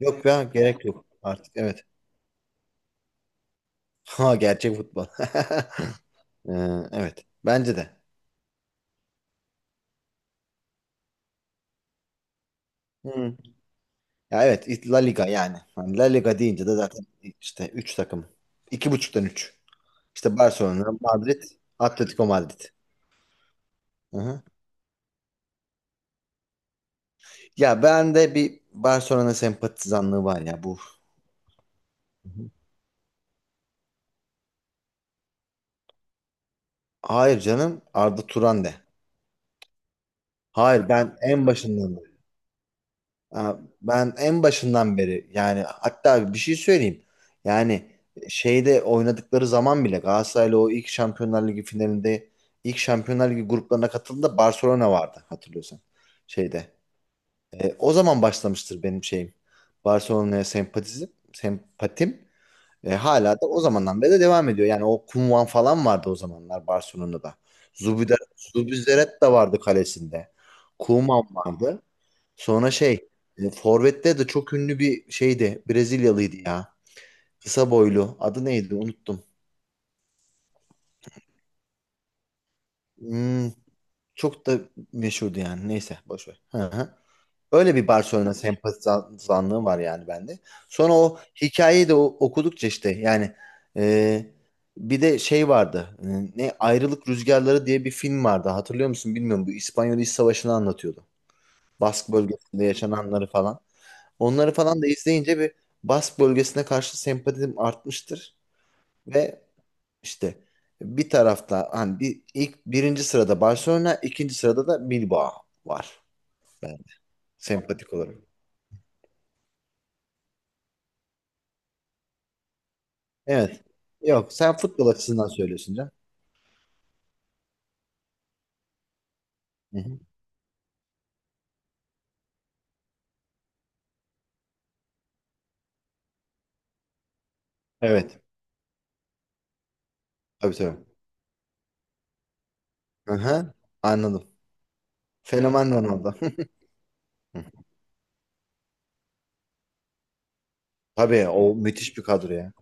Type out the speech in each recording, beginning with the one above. Yok ya, gerek yok artık, evet. Ha, gerçek futbol. Ee, evet, bence de. Hı. Ya evet, La Liga yani. Hani La Liga deyince de zaten işte 3 takım. İki buçuktan üç. İşte Barcelona, Madrid, Atletico Madrid. Hı-hı. Ya bende bir Barcelona sempatizanlığı var ya bu. Hı hı. Hayır canım, Arda Turan de. Hayır Aa, Ben en başından beri, yani hatta bir şey söyleyeyim. Yani şeyde oynadıkları zaman bile Galatasaray'la o ilk Şampiyonlar Ligi finalinde ilk Şampiyonlar Ligi gruplarına katıldığında Barcelona vardı, hatırlıyorsan. Şeyde. O zaman başlamıştır benim şeyim. Barcelona'ya sempatizm, sempatim. Hala da o zamandan beri de devam ediyor. Yani o Koeman falan vardı o zamanlar Barcelona'da. Zubizarreta da vardı kalesinde. Koeman vardı. Sonra şey, Forvet'te de çok ünlü bir şeydi. Brezilyalıydı ya. Kısa boylu. Adı neydi? Unuttum. Hmm, Çok da meşhurdu yani. Neyse, boş ver. Hı hı. Öyle bir Barcelona sempatizanlığı var yani bende. Sonra o hikayeyi de okudukça işte, yani e, bir de şey vardı. E, ne Ayrılık Rüzgarları diye bir film vardı. Hatırlıyor musun bilmiyorum. Bu İspanyol İç Savaşı'nı anlatıyordu. Bask bölgesinde yaşananları falan. Onları falan da izleyince bir Bask bölgesine karşı sempatim artmıştır ve işte bir tarafta, hani birinci sırada Barcelona, ikinci sırada da Bilbao var, ben sempatik olarak. Evet. Yok, sen futbol açısından söylüyorsun canım. Hı hı. Evet. Tabii tabii. Hı hı. Anladım. Fenomen Ronaldo. Tabii, o müthiş bir kadro ya.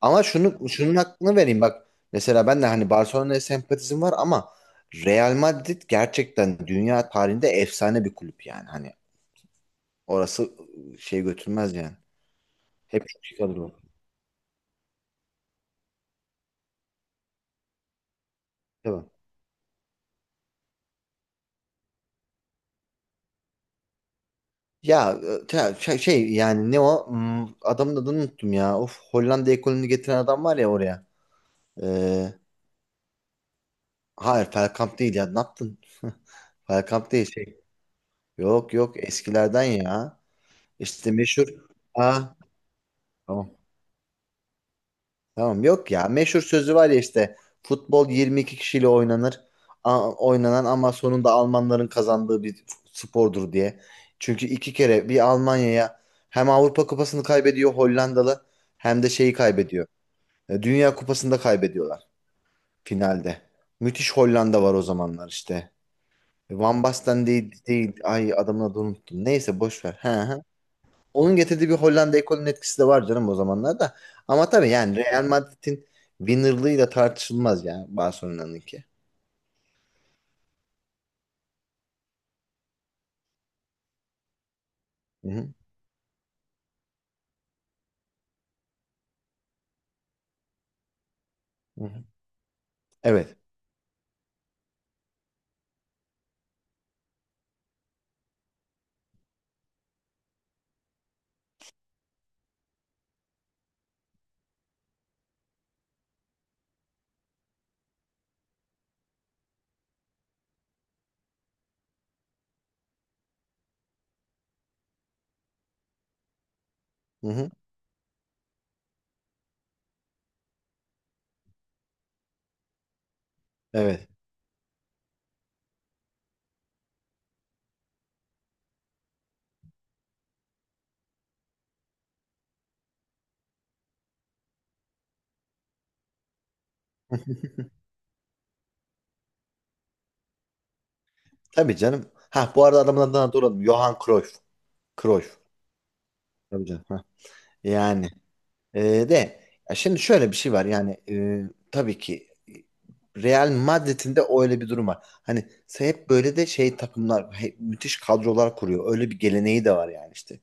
Ama şunun hakkını vereyim bak. Mesela ben de hani Barcelona'ya sempatizm var ama Real Madrid gerçekten dünya tarihinde efsane bir kulüp yani. Hani orası şey götürmez yani. Hep çok iyi kadro. Tabii. Ya şey yani, ne o? Adamın adını unuttum ya. Of, Hollanda ekolünü getiren adam var ya oraya. Ee, hayır, Bergkamp değil ya. Ne yaptın? Bergkamp değil şey. Yok yok, eskilerden ya. İşte meşhur. Ha, tamam. Tamam, yok ya, meşhur sözü var ya işte, futbol 22 kişiyle oynanır, oynanan, ama sonunda Almanların kazandığı bir spordur diye. Çünkü iki kere bir Almanya'ya hem Avrupa Kupası'nı kaybediyor Hollandalı, hem de şeyi kaybediyor. Dünya Kupası'nda kaybediyorlar finalde. Müthiş Hollanda var o zamanlar işte. Van Basten değil, değil. Ay, adamın adını unuttum. Neyse, boş ver. He, he. Onun getirdiği bir Hollanda ekolünün etkisi de var canım o zamanlarda. Ama tabii yani, Real Madrid'in winnerlığıyla tartışılmaz yani Barcelona'nınki. Hı hı, hı hı. Evet. Hı hı, evet. Tabii canım. Ha, bu arada adamın adını hatırladım. Johan Cruyff. Cruyff. Tabii canım. Ha. Yani e, de, ya şimdi şöyle bir şey var yani, tabii ki Real Madrid'in de öyle bir durum var. Hani hep böyle de şey, takımlar hep müthiş kadrolar kuruyor. Öyle bir geleneği de var yani işte.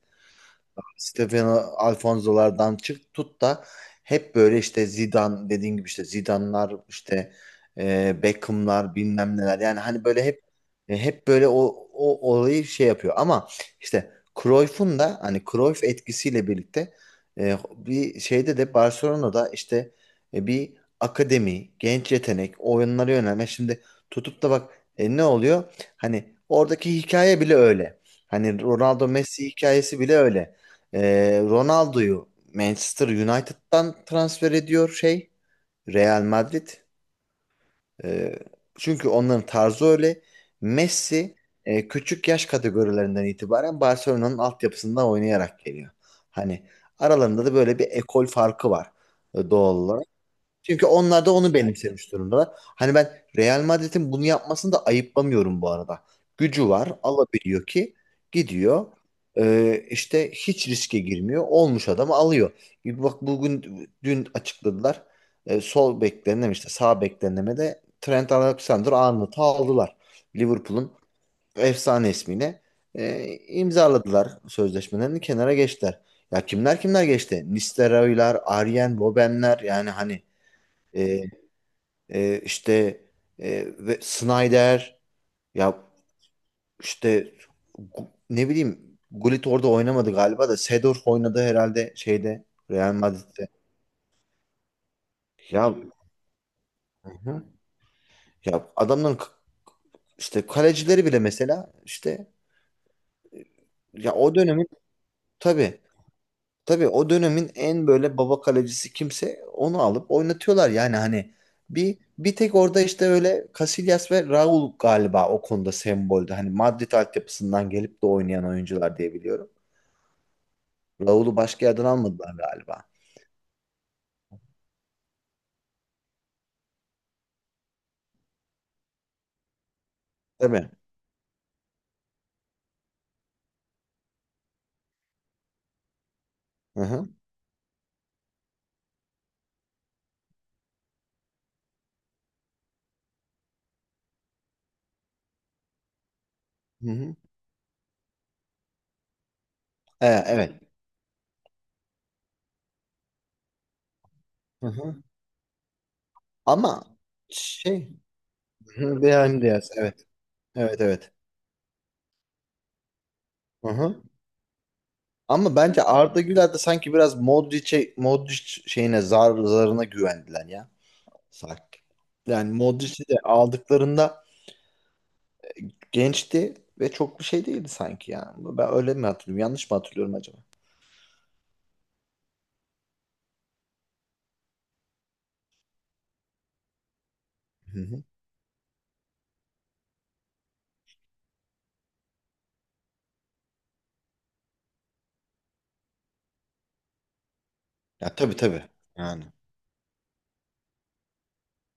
Stefano Alfonso'lardan çık tut da hep böyle işte Zidane dediğin gibi, işte Zidane'lar, işte Beckham'lar, bilmem neler yani, hani böyle hep hep böyle o olayı şey yapıyor ama işte Cruyff'un da hani Cruyff etkisiyle birlikte bir şeyde de, Barcelona'da işte bir akademi, genç yetenek, oyunlara yönelme. Şimdi tutup da bak, ne oluyor? Hani oradaki hikaye bile öyle. Hani Ronaldo Messi hikayesi bile öyle. Ronaldo'yu Manchester United'dan transfer ediyor şey, Real Madrid. Ee, Çünkü onların tarzı öyle. Messi küçük yaş kategorilerinden itibaren Barcelona'nın altyapısında oynayarak geliyor. Hani aralarında da böyle bir ekol farkı var doğal olarak. Çünkü onlar da onu benimsemiş durumdalar. Hani ben Real Madrid'in bunu yapmasını da ayıplamıyorum bu arada. Gücü var, alabiliyor ki gidiyor. İşte hiç riske girmiyor. Olmuş adamı alıyor. Bir bak, bugün dün açıkladılar. Sol beklerine mi işte, sağ beklerine mi de Trent Alexander-Arnold'u aldılar. Liverpool'un efsane ismiyle imzaladılar sözleşmelerini, kenara geçtiler. Ya kimler kimler geçti? Nistelrooylar, Arjen Robben'ler, yani hani e, işte ve Snyder, ya işte ne bileyim, Gullit orada oynamadı galiba da Seedorf oynadı herhalde şeyde, Real Madrid'de. Ya. Hı. Ya adamların işte kalecileri bile, mesela işte, ya o dönemin tabii tabii, o dönemin en böyle baba kalecisi kimse onu alıp oynatıyorlar yani hani, bir tek orada işte öyle Casillas ve Raul galiba o konuda semboldü. Hani Madrid altyapısından gelip de oynayan oyuncular diye biliyorum. Raul'u başka yerden almadılar galiba. Tabii. Hı hı. Hı hı. Evet. Hı hı. Ama şey, hı, hı. Brahim Diaz, evet. Evet evet. Hı hı. Ama bence Arda Güler de sanki biraz Modric şeyine, zarına güvendiler ya. Sanki. Yani Modric'i de aldıklarında gençti ve çok bir şey değildi sanki ya. Ben öyle mi hatırlıyorum? Yanlış mı hatırlıyorum acaba? Hı hı. Ya tabii tabii. Yani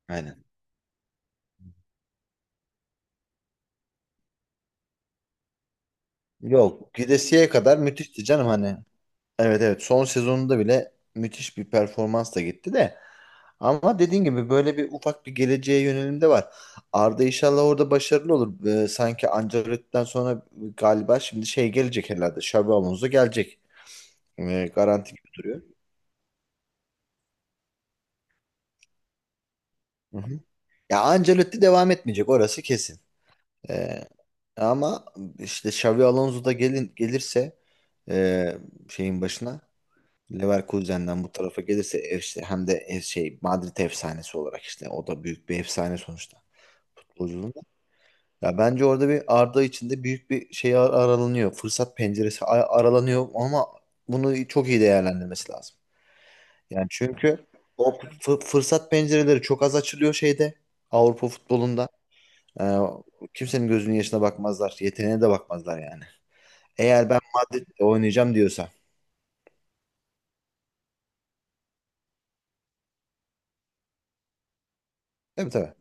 aynen. Yok, gidesiye kadar müthişti canım hani. Evet evet, son sezonunda bile müthiş bir performansla gitti de. Ama dediğin gibi, böyle bir ufak bir geleceğe yönelim de var. Arda inşallah orada başarılı olur. Sanki Ancelotti'den sonra galiba şimdi şey gelecek herhalde. Xabi Alonso gelecek. Garanti gibi duruyor. Hı hı. Ya Ancelotti devam etmeyecek, orası kesin. Ee, Ama işte Xabi Alonso da gelirse, e, şeyin başına, Leverkusen'den bu tarafa gelirse, ev işte hem de ev şey Madrid efsanesi olarak işte, o da büyük bir efsane sonuçta futbolculuğunda. Ya bence orada bir Arda için de büyük bir şey aralanıyor. Fırsat penceresi aralanıyor ama bunu çok iyi değerlendirmesi lazım. Yani çünkü o fırsat pencereleri çok az açılıyor şeyde, Avrupa futbolunda. Ee, Kimsenin gözünün yaşına bakmazlar. Yeteneğine de bakmazlar yani. Eğer ben Madrid'de oynayacağım diyorsa. Tabii tabii.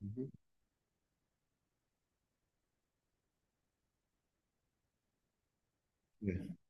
Hı hı.